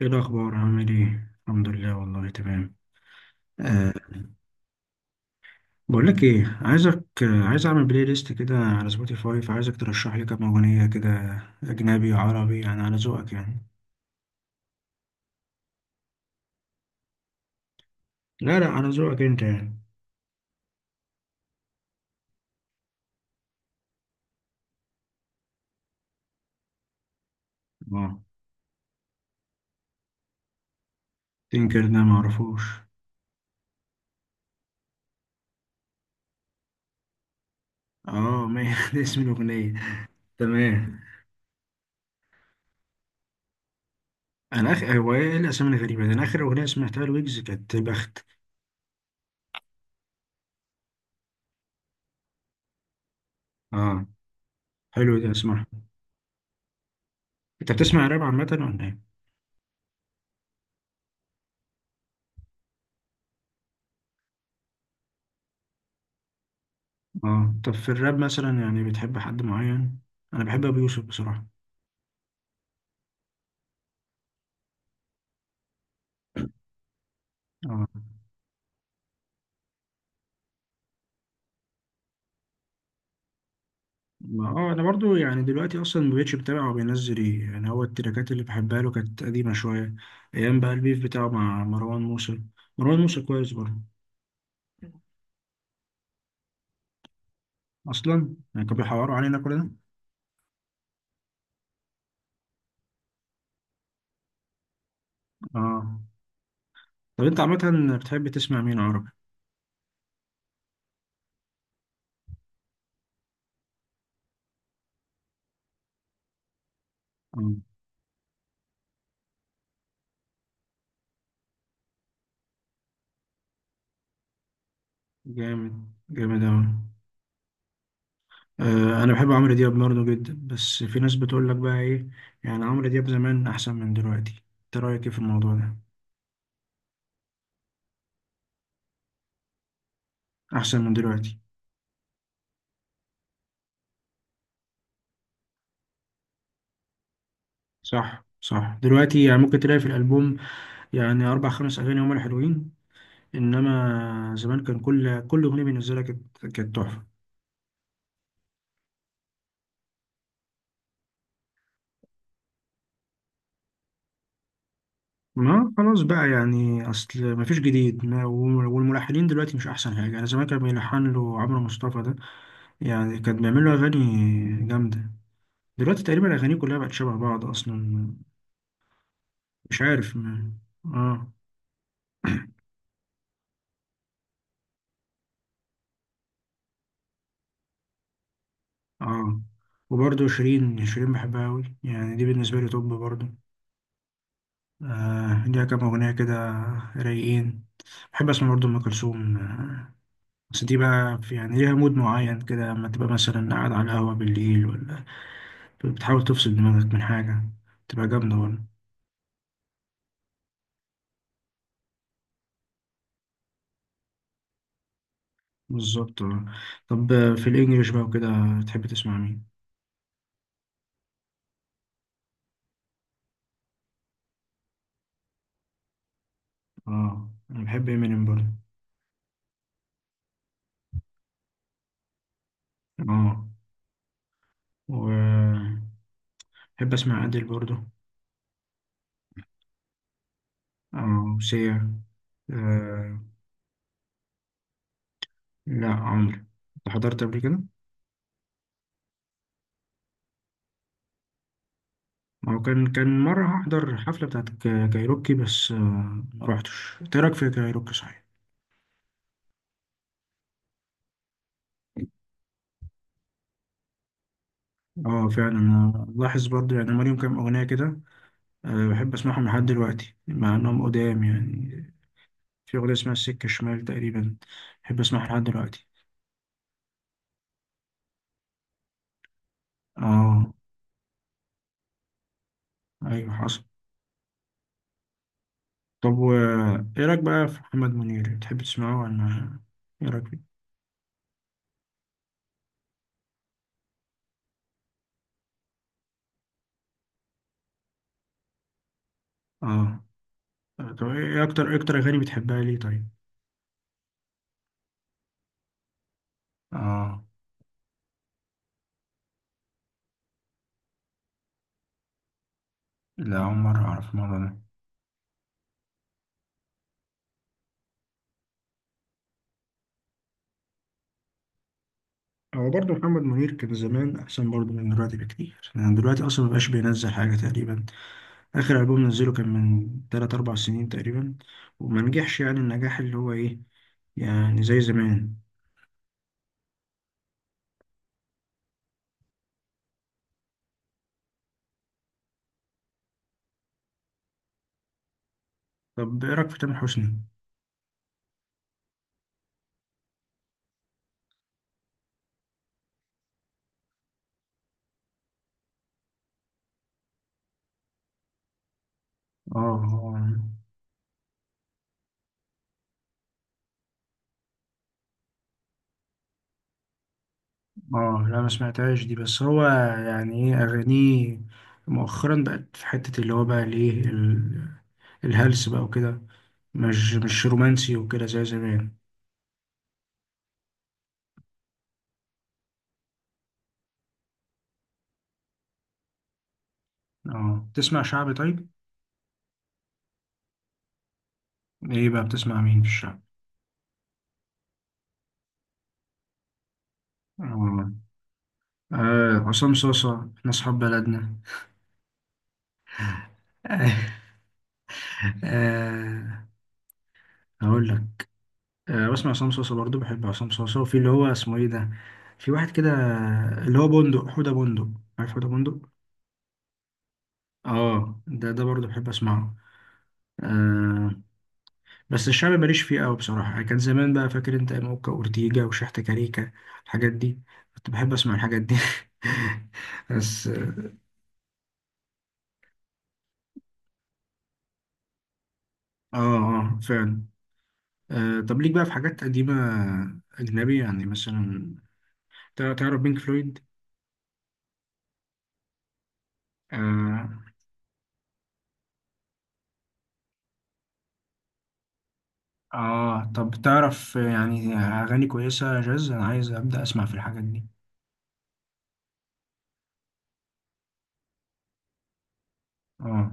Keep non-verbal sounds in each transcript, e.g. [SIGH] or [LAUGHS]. ايه الاخبار؟ عامل ايه؟ الحمد لله، والله تمام. أه. بقول لك ايه، عايزك عايز اعمل بلاي ليست كده على سبوتيفاي، فعايزك ترشح لي كام اغنيه كده، اجنبي عربي، يعني على ذوقك يعني. لا لا، على ذوقك انت يعني. اه. تنكر ده ما اعرفوش. اه ما [LAUGHS] ده اسم الاغنيه؟ تمام. انا اخ، هو ايه الاسامي الغريبه ده؟ انا اخر اغنيه سمعتها لويجز كانت بخت. اه، حلو، ده اسمعها. انت بتسمع راب عامه ولا ايه؟ اه، طب في الراب مثلا يعني بتحب حد معين؟ انا بحب ابو يوسف بصراحه. اه ما اه، انا برضو يعني دلوقتي اصلا ما بقتش بتابع هو بينزل ايه، يعني هو التراكات اللي بحبها له كانت قديمه شويه، ايام بقى البيف بتاعه مع مروان موسى. مروان موسى كويس برضو، اصلا يعني كانوا بيحوروا علينا كل ده. اه، طب انت عامه بتحب تسمع مين عربي؟ اه. جامد. جامد اوي. آه، انا بحب عمرو دياب برضو جدا، بس في ناس بتقول لك بقى ايه، يعني عمرو دياب زمان احسن من دلوقتي. انت رايك ايه في الموضوع ده؟ احسن من دلوقتي؟ صح صح، دلوقتي يعني ممكن تلاقي في الالبوم يعني أربع خمس أغاني هما الحلوين، إنما زمان كان كل أغنية بالنسبة لك كانت تحفة. ما خلاص بقى، يعني أصل مفيش جديد، ما والملحنين دلوقتي مش أحسن حاجة. أنا زمان كان بيلحن له عمرو مصطفى ده، يعني كان بيعمل له أغاني جامدة. دلوقتي تقريبا أغانيه كلها بقت شبه بعض أصلا. مش عارف ما. آه. آه. وبرضه شيرين بحبها أوي، يعني دي بالنسبة لي توب برضه. آه، ليها كام أغنية كده رايقين. بحب اسمع برضه ام كلثوم، بس دي بقى في، يعني ليها مود معين كده، لما تبقى مثلا قاعد على القهوة بالليل، ولا بتحاول تفصل دماغك من حاجة، تبقى جامدة ولا. بالظبط آه. طب في الإنجليش بقى وكده تحب تسمع مين؟ اه، أنا بحب إمينيم برضه. اه، وبحب أسمع أديل برضه. اه، وسيا آه. لا عمرو، أنت حضرت قبل كده؟ هو كان، مرة هحضر حفلة بتاعت كايروكي بس، ما روحتش. إيه رأيك في كايروكي صحيح؟ اه فعلا، انا لاحظ برضو يعني هم ليهم كام اغنيه كده. أه بحب اسمعهم لحد دلوقتي مع انهم قدام يعني. في اغنيه اسمها السكه الشمال تقريبا، بحب اسمعها لحد دلوقتي. اه، ايوه حصل. طب و ايه رايك بقى في محمد منير؟ بتحب تسمعه ولا؟ ايه رايك فيه؟ اه، طب ايه اكتر اغاني بتحبها ليه طيب؟ اه، لا اول مره اعرف الموضوع ده. هو برضه محمد منير كان زمان أحسن برضه من دلوقتي بكتير، يعني دلوقتي أصلا مبقاش بينزل حاجة تقريبا. اخر البوم نزله كان من 3 4 سنين تقريبا، وما نجحش يعني النجاح اللي هو ايه، يعني زي زمان. طب ايه رايك في تامر حسني؟ اه اه. لا ما سمعتهاش دي، بس هو يعني ايه اغانيه مؤخرا بقت في حته، اللي هو بقى الايه الهلس بقى وكده، مش رومانسي وكده زي زمان. اه، تسمع شعبي طيب؟ ايه بقى بتسمع مين في الشعب؟ اه، عصام صاصة احنا اصحاب بلدنا. [LAUGHS] آه، هقول لك. أه بسمع عصام صوصة برضه، بحب عصام صوصة، وفي اللي هو اسمه ايه ده، في واحد كده اللي هو بندق، حودة بندق. عارف حودة بندق؟ اه، ده برضه بحب اسمعه. أه. بس الشعبي ماليش فيه قوي بصراحة، يعني كان زمان بقى، فاكر انت موكا وأورتيجا وشحتة كاريكا الحاجات دي؟ كنت بحب اسمع الحاجات دي. [LAUGHS] بس اه. اه فعلا. أه، طب ليك بقى في حاجات قديمة أجنبي يعني مثلا؟ تعرف بينك فلويد؟ آه. اه، طب تعرف يعني اغاني كويسه جاز، انا عايز ابدا اسمع في الحاجات دي. اه.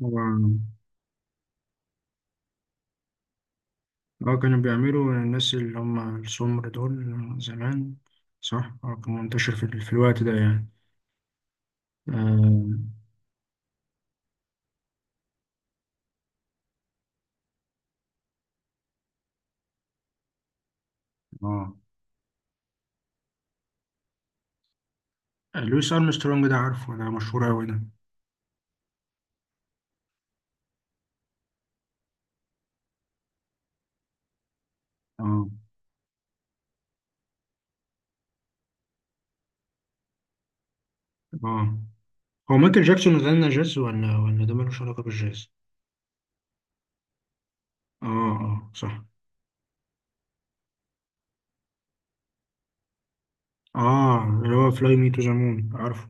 هو. اه كانوا بيعملوا الناس اللي هم السمر دول زمان. صح، اه كان منتشر في، في الوقت ده يعني. اه. اه، لويس ارمسترونج ده عارفه، ده مشهور اوي ده. اه. اه، هو مايكل جاكسون غنى جاز ولا ده ملوش علاقه بالجاز؟ اه اه صح. اه، اللي هو فلاي مي تو ذا مون عارفه،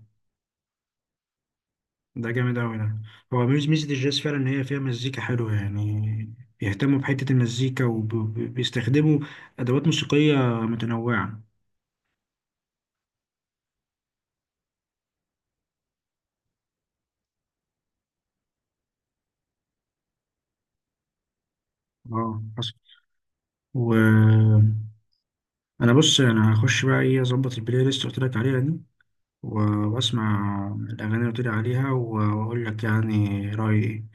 ده جامد أوي ده. هو ميزة الجاز فعلا إن هي فيها مزيكا حلوة يعني، بيهتموا بحتة المزيكا وبيستخدموا أدوات موسيقية متنوعة. اه حصل. و أنا بص، أنا هخش بقى إيه أظبط البلاي ليست اللي قلت لك عليها دي، و- وأسمع الأغاني اللي قلت لي عليها، وأقول لك يعني رأيي إيه.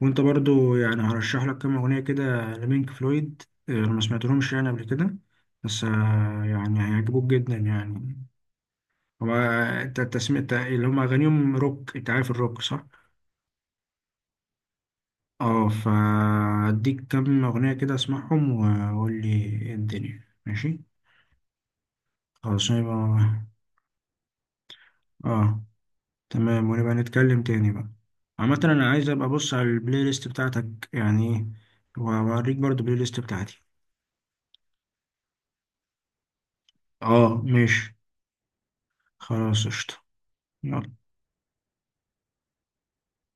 وأنت برضو يعني هرشح لك كام أغنية كده لبينك فلويد، أنا ما سمعتلهمش يعني قبل كده، بس يعني هيعجبوك جدا يعني. هو انت التسمية اللي هم اغانيهم روك، انت عارف الروك صح؟ اه، فاديك كم اغنية كده اسمعهم وقول لي ايه الدنيا ماشي. خلاص يبقى. اه، تمام، ونبقى نتكلم تاني بقى. عامة انا عايز ابقى ابص على البلاي ليست بتاعتك يعني ايه، واوريك برضو البلاي ليست بتاعتي. اه ماشي. خلاص، قشطة. يلا.